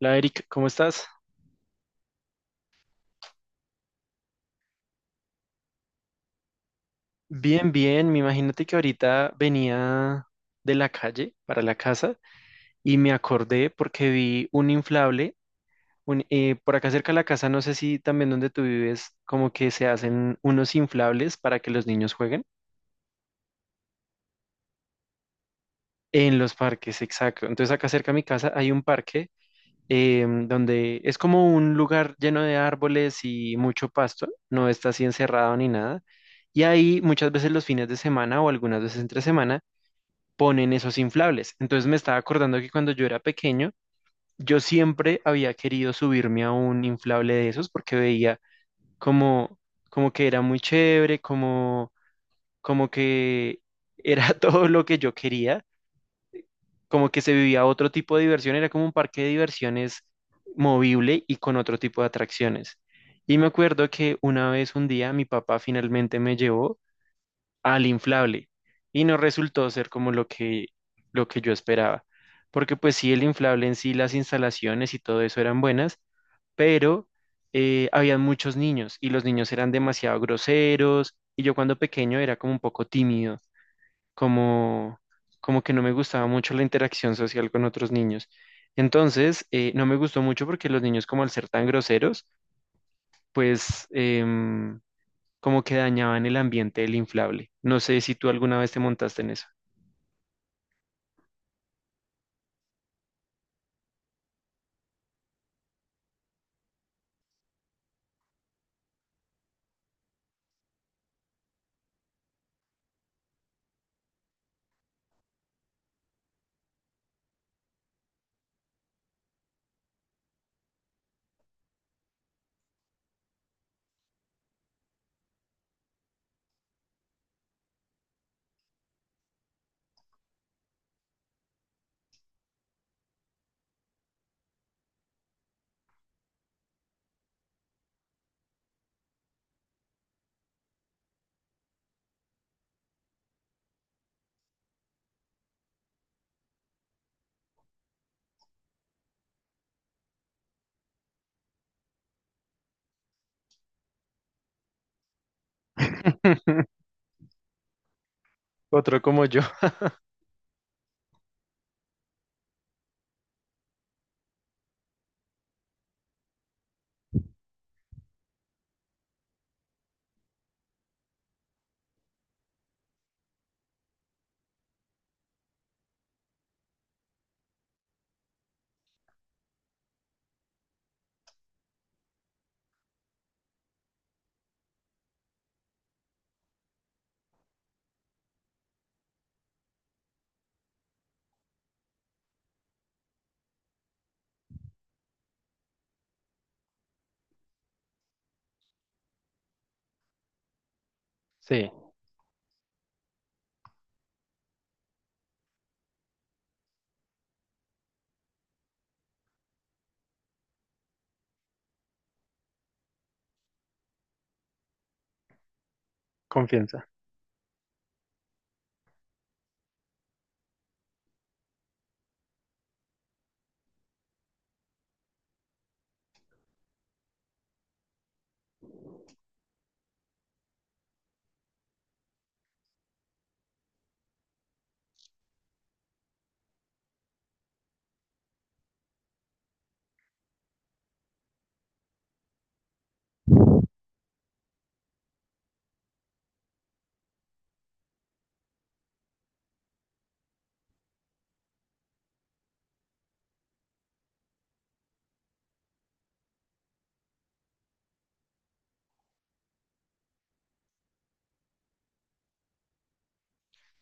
Hola Eric, ¿cómo estás? Bien, bien. Me imagínate que ahorita venía de la calle para la casa y me acordé porque vi un inflable. Por acá cerca de la casa, no sé si también donde tú vives, como que se hacen unos inflables para que los niños jueguen en los parques, exacto. Entonces acá cerca de mi casa hay un parque, donde es como un lugar lleno de árboles y mucho pasto, no está así encerrado ni nada. Y ahí muchas veces los fines de semana o algunas veces entre semana ponen esos inflables. Entonces me estaba acordando que cuando yo era pequeño, yo siempre había querido subirme a un inflable de esos porque veía como, como que era muy chévere, como, como que era todo lo que yo quería, como que se vivía otro tipo de diversión, era como un parque de diversiones movible y con otro tipo de atracciones. Y me acuerdo que una vez, un día, mi papá finalmente me llevó al inflable y no resultó ser como lo que yo esperaba, porque pues sí, el inflable en sí, las instalaciones y todo eso eran buenas, pero habían muchos niños y los niños eran demasiado groseros y yo cuando pequeño era como un poco tímido, como, como que no me gustaba mucho la interacción social con otros niños. Entonces, no me gustó mucho porque los niños como al ser tan groseros, pues... em, como que dañaban el ambiente del inflable. No sé si tú alguna vez te montaste en eso. Otro como yo. Sí, confianza.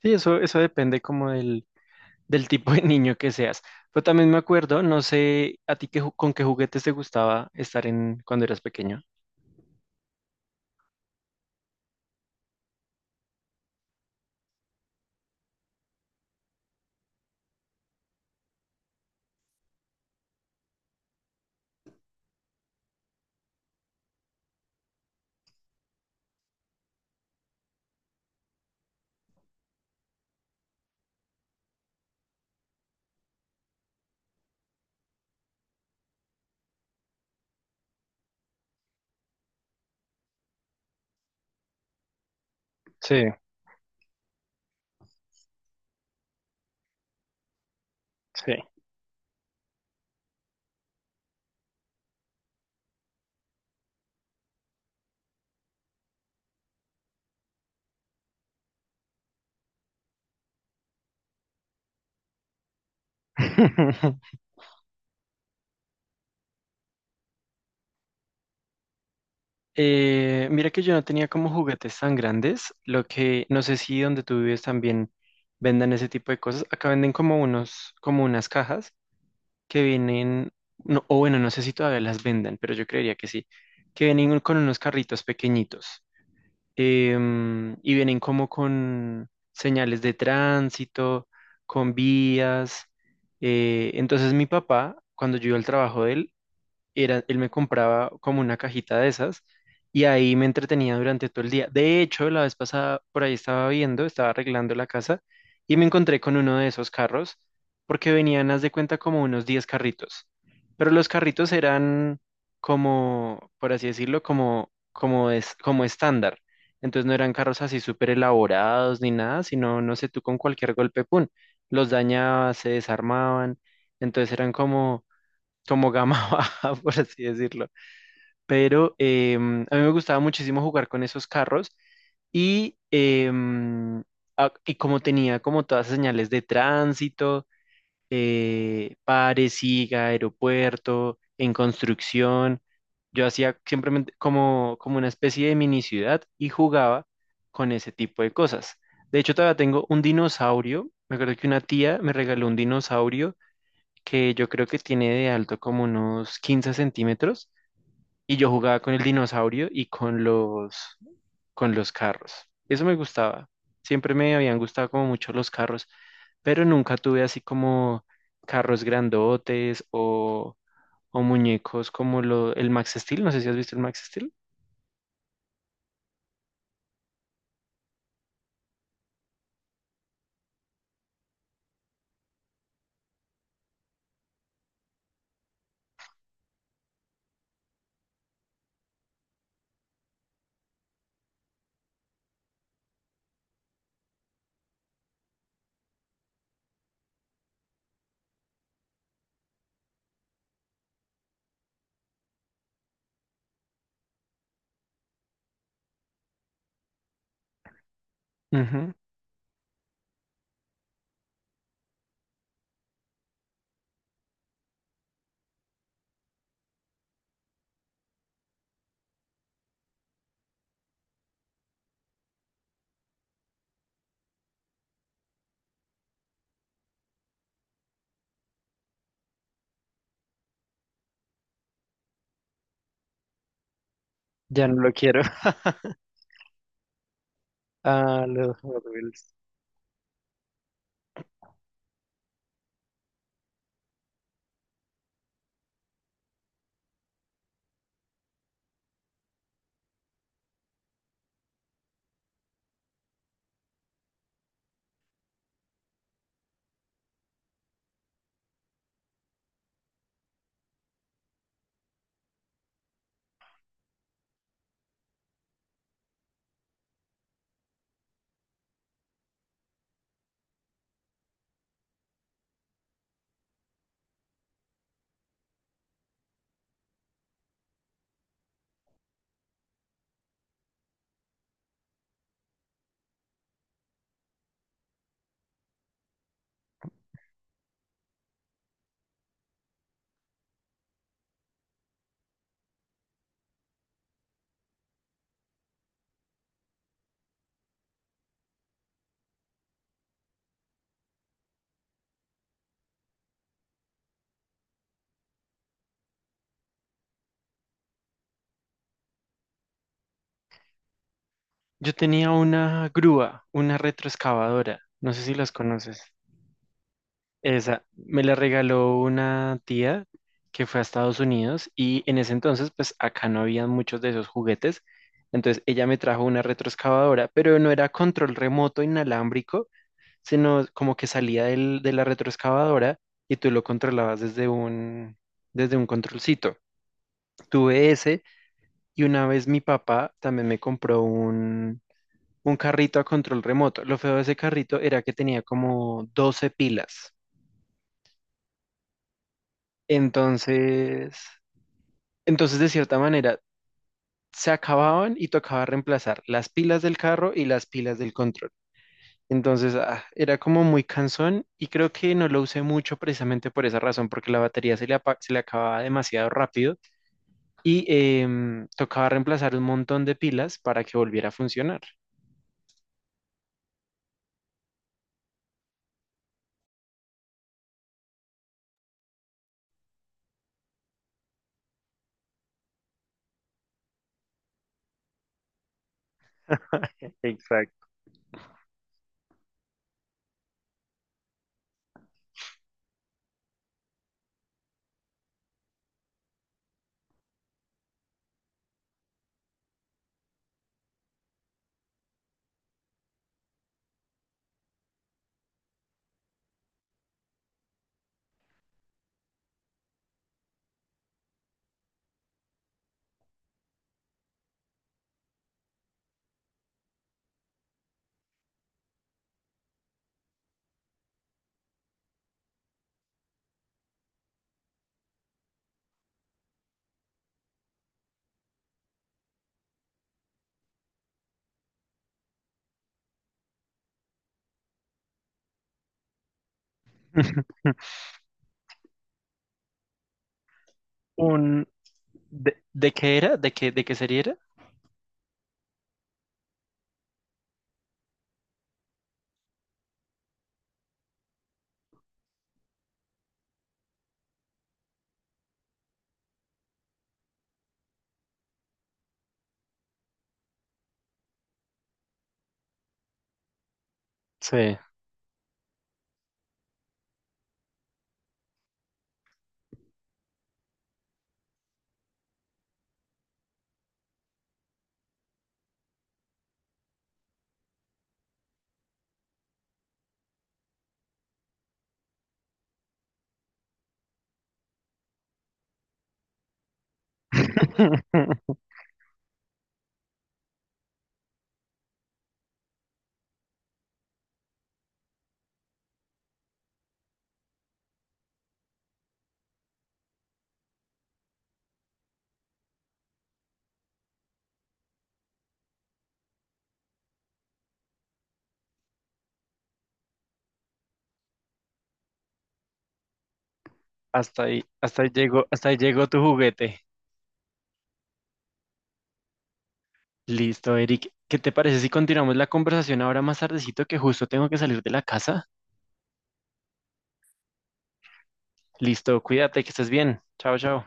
Sí, eso depende como del, del tipo de niño que seas. Pero también me acuerdo, no sé a ti qué, con qué juguetes te gustaba estar en cuando eras pequeño. Sí, sí. Mira que yo no tenía como juguetes tan grandes, lo que no sé si donde tú vives también vendan ese tipo de cosas. Acá venden como unos, como unas cajas. Que vienen, no, o bueno, no sé si todavía las vendan, pero yo creería que sí, que vienen con unos carritos pequeñitos, y vienen como con señales de tránsito, con vías. Entonces mi papá, cuando yo iba al trabajo de él, era, él me compraba como una cajita de esas y ahí me entretenía durante todo el día. De hecho, la vez pasada por ahí estaba viendo, estaba arreglando la casa y me encontré con uno de esos carros porque venían, haz de cuenta, como unos 10 carritos. Pero los carritos eran como, por así decirlo, como, como, es, como estándar. Entonces no eran carros así súper elaborados ni nada, sino, no sé, tú con cualquier golpe, ¡pum! Los dañabas, se desarmaban. Entonces eran como como gama baja, por así decirlo. Pero a mí me gustaba muchísimo jugar con esos carros y, y como tenía como todas las señales de tránsito, pare, siga, aeropuerto, en construcción, yo hacía simplemente como, como una especie de mini ciudad y jugaba con ese tipo de cosas. De hecho, todavía tengo un dinosaurio. Me acuerdo que una tía me regaló un dinosaurio que yo creo que tiene de alto como unos 15 centímetros y yo jugaba con el dinosaurio y con los carros. Eso me gustaba. Siempre me habían gustado como mucho los carros, pero nunca tuve así como carros grandotes o muñecos como lo, el Max Steel. No sé si has visto el Max Steel. Ujú. Ya no lo quiero. Ah, los Hot Wheels. Yo tenía una grúa, una retroexcavadora. No sé si las conoces. Esa me la regaló una tía que fue a Estados Unidos y en ese entonces pues acá no había muchos de esos juguetes. Entonces ella me trajo una retroexcavadora, pero no era control remoto inalámbrico, sino como que salía de la retroexcavadora y tú lo controlabas desde un controlcito. Tuve ese y una vez mi papá también me compró un carrito a control remoto. Lo feo de ese carrito era que tenía como 12 pilas. Entonces, entonces, de cierta manera, se acababan y tocaba reemplazar las pilas del carro y las pilas del control. Entonces, ah, era como muy cansón y creo que no lo usé mucho precisamente por esa razón, porque la batería se le, se le acababa demasiado rápido y, tocaba reemplazar un montón de pilas para que volviera a funcionar. Exacto. Un, de qué era? De qué serie era? Sí. Hasta ahí llegó tu juguete. Listo, Eric. ¿Qué te parece si continuamos la conversación ahora más tardecito que justo tengo que salir de la casa? Listo, cuídate, que estés bien. Chao, chao.